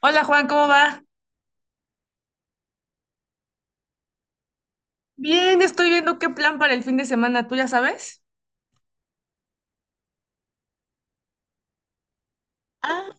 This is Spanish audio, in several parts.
Hola Juan, ¿cómo va? Bien, estoy viendo qué plan para el fin de semana, ¿tú ya sabes? Ah,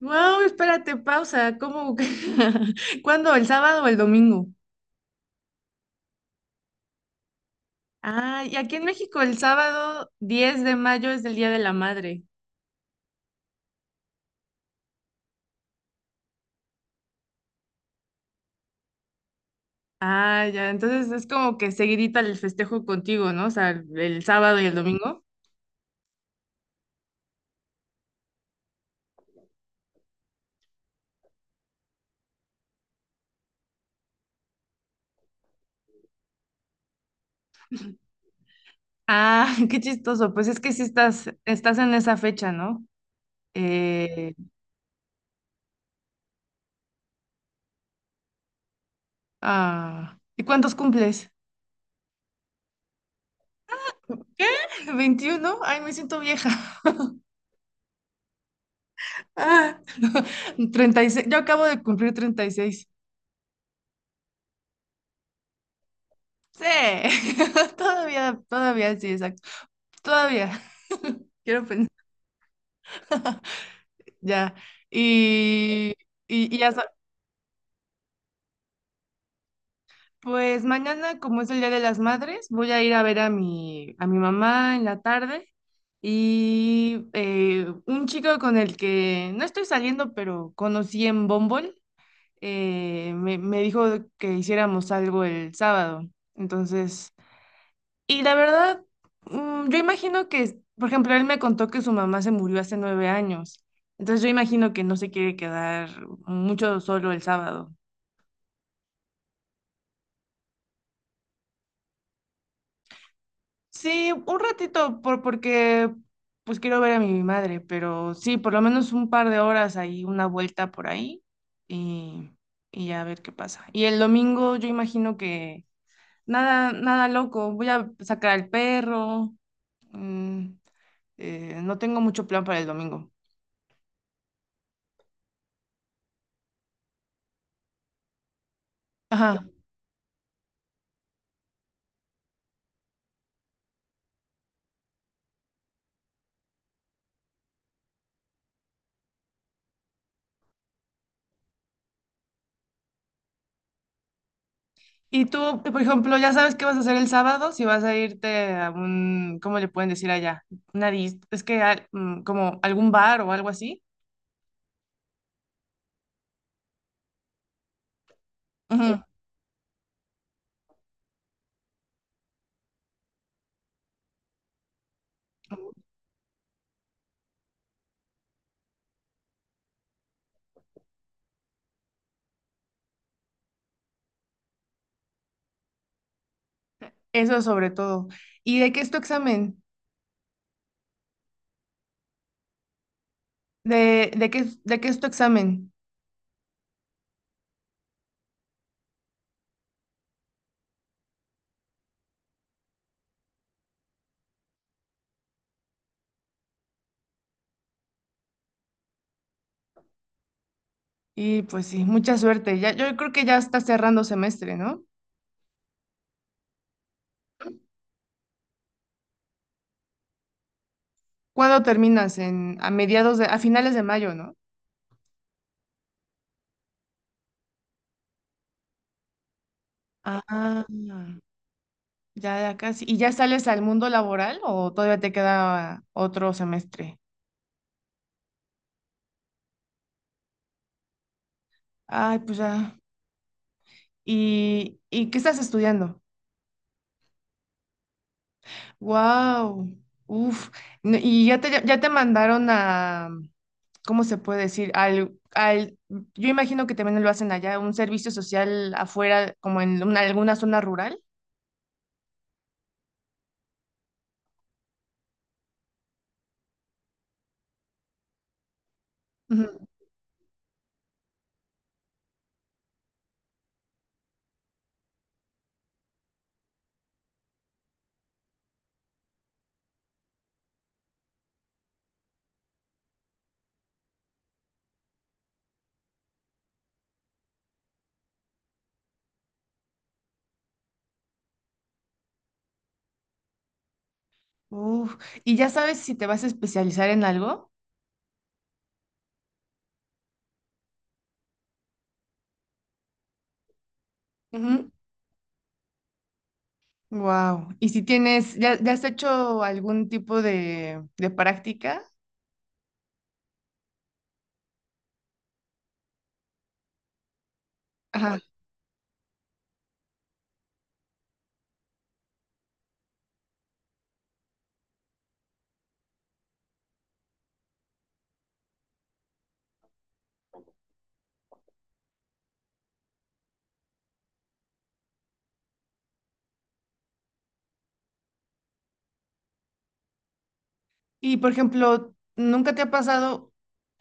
wow, espérate, pausa. ¿Cómo? ¿Cuándo? ¿El sábado o el domingo? Ah, y aquí en México el sábado 10 de mayo es el Día de la Madre. Ah, ya, entonces es como que seguidita el festejo contigo, ¿no? O sea, el sábado y el domingo. Ah, qué chistoso. Pues es que sí estás en esa fecha, ¿no? Eh, ah, ¿y cuántos cumples? ¿Qué? 21. Ay, me siento vieja. Ah, 36. Yo acabo de cumplir 36. Sí, todavía, todavía, sí, exacto. Todavía, quiero pensar, ya. Y, y, y ya, sa- pues mañana, como es el Día de las Madres, voy a ir a ver a mi mamá en la tarde. Y un chico con el que no estoy saliendo, pero conocí en Bumble, me dijo que hiciéramos algo el sábado. Entonces, y la verdad, yo imagino que, por ejemplo, él me contó que su mamá se murió hace 9 años. Entonces yo imagino que no se quiere quedar mucho solo el sábado. Sí, un ratito, porque pues quiero ver a mi madre, pero sí, por lo menos un par de horas ahí, una vuelta por ahí y, y ya a ver qué pasa. Y el domingo yo imagino que nada, nada loco, voy a sacar al perro, mm, no tengo mucho plan para el domingo. Ajá. Y tú, por ejemplo, ya sabes qué vas a hacer el sábado, si vas a irte a un, ¿cómo le pueden decir allá? Es que como algún bar o algo así. Ujú. Eso sobre todo. ¿Y de qué es tu examen? ¿De qué, de qué es tu examen? Y pues sí, mucha suerte. Ya, yo creo que ya estás cerrando semestre, ¿no? ¿Cuándo terminas? En, a mediados de, a finales de mayo, ¿no? Ah, ya, ya casi. ¿Y ya sales al mundo laboral o todavía te queda otro semestre? Ay, pues ya. ¿Y qué estás estudiando? Wow, uf. ¿Y ya te mandaron a, ¿cómo se puede decir? Al, al, yo imagino que también lo hacen allá, un servicio social afuera, como en alguna zona rural. Ujú. Uf. ¿Y ya sabes si te vas a especializar en algo? Wow. ¿Y si tienes, ya, ya has hecho algún tipo de práctica? Y por ejemplo, ¿nunca te ha pasado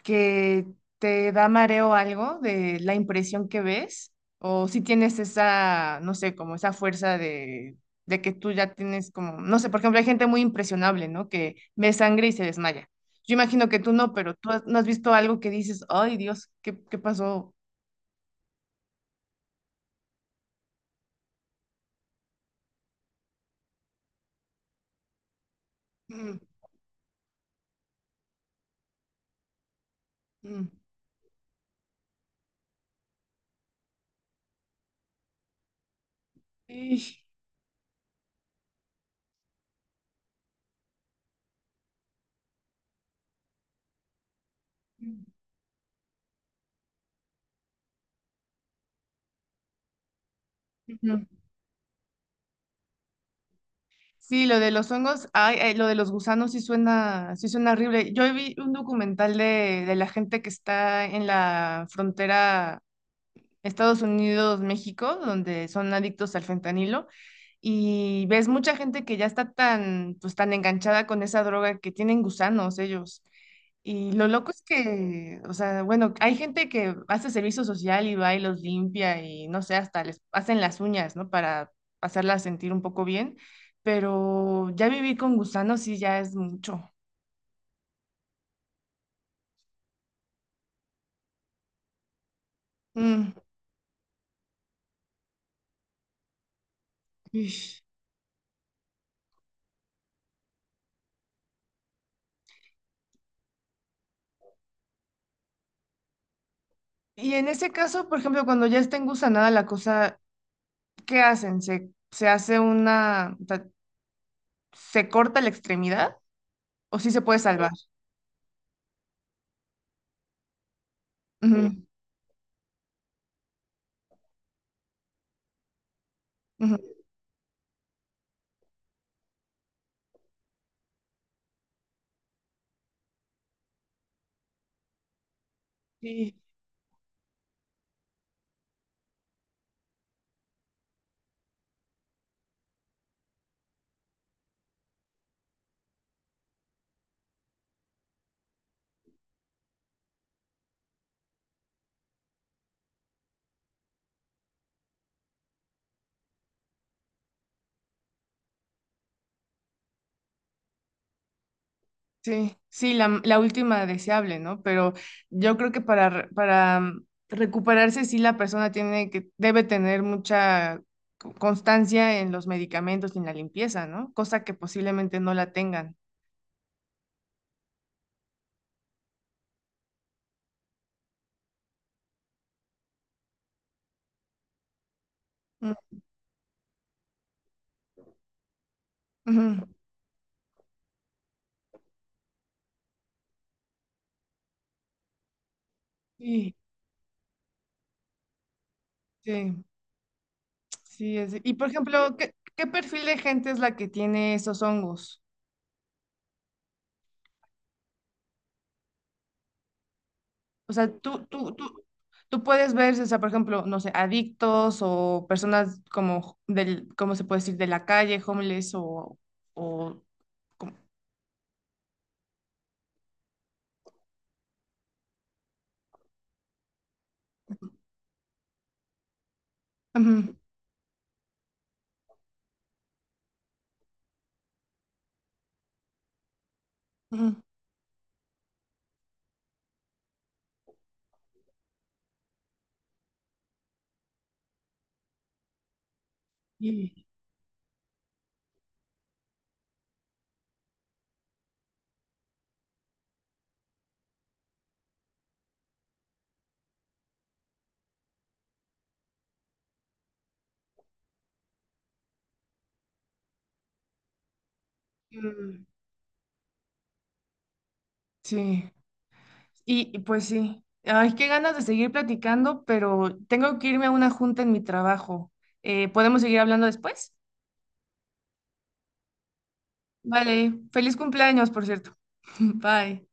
que te da mareo algo de la impresión que ves? ¿O si tienes esa, no sé, como esa fuerza de que tú ya tienes como, no sé, por ejemplo, hay gente muy impresionable, ¿no? Que ve sangre y se desmaya. Yo imagino que tú no, pero no has visto algo que dices, ay Dios, ¿qué pasó? Mm, mm, ish, mm, ujú. Sí, lo de los hongos, ay, ay, lo de los gusanos sí suena horrible. Yo vi un documental de la gente que está en la frontera Estados Unidos-México, donde son adictos al fentanilo, y ves mucha gente que ya está tan, pues, tan enganchada con esa droga que tienen gusanos ellos. Y lo loco es que, o sea, bueno, hay gente que hace servicio social y va y los limpia y no sé, hasta les hacen las uñas, ¿no? Para hacerlas sentir un poco bien, pero ya vivir con gusanos sí ya es mucho. Mm, ish. Y en ese caso, por ejemplo, cuando ya está engusanada la cosa, ¿qué hacen? ¿Se hace una, o sea, se corta la extremidad o sí se puede salvar? Mm. Ujú, ujú. Sí. Sí, sí, la última deseable, ¿no? Pero yo creo que para recuperarse, sí, la persona tiene que, debe tener mucha constancia en los medicamentos y en la limpieza, ¿no? Cosa que posiblemente no la tengan. Mm, ujú. Sí, sí, sí. Y por ejemplo, ¿qué perfil de gente es la que tiene esos hongos? O sea, tú puedes ver, o sea, por ejemplo, no sé, adictos o personas como del, ¿cómo se puede decir? De la calle, homeless o, o como- Ujú, ujú. Y- mm, Sí, y pues sí. Ay, qué ganas de seguir platicando, pero tengo que irme a una junta en mi trabajo. ¿Podemos seguir hablando después? Vale, feliz cumpleaños, por cierto. Bye.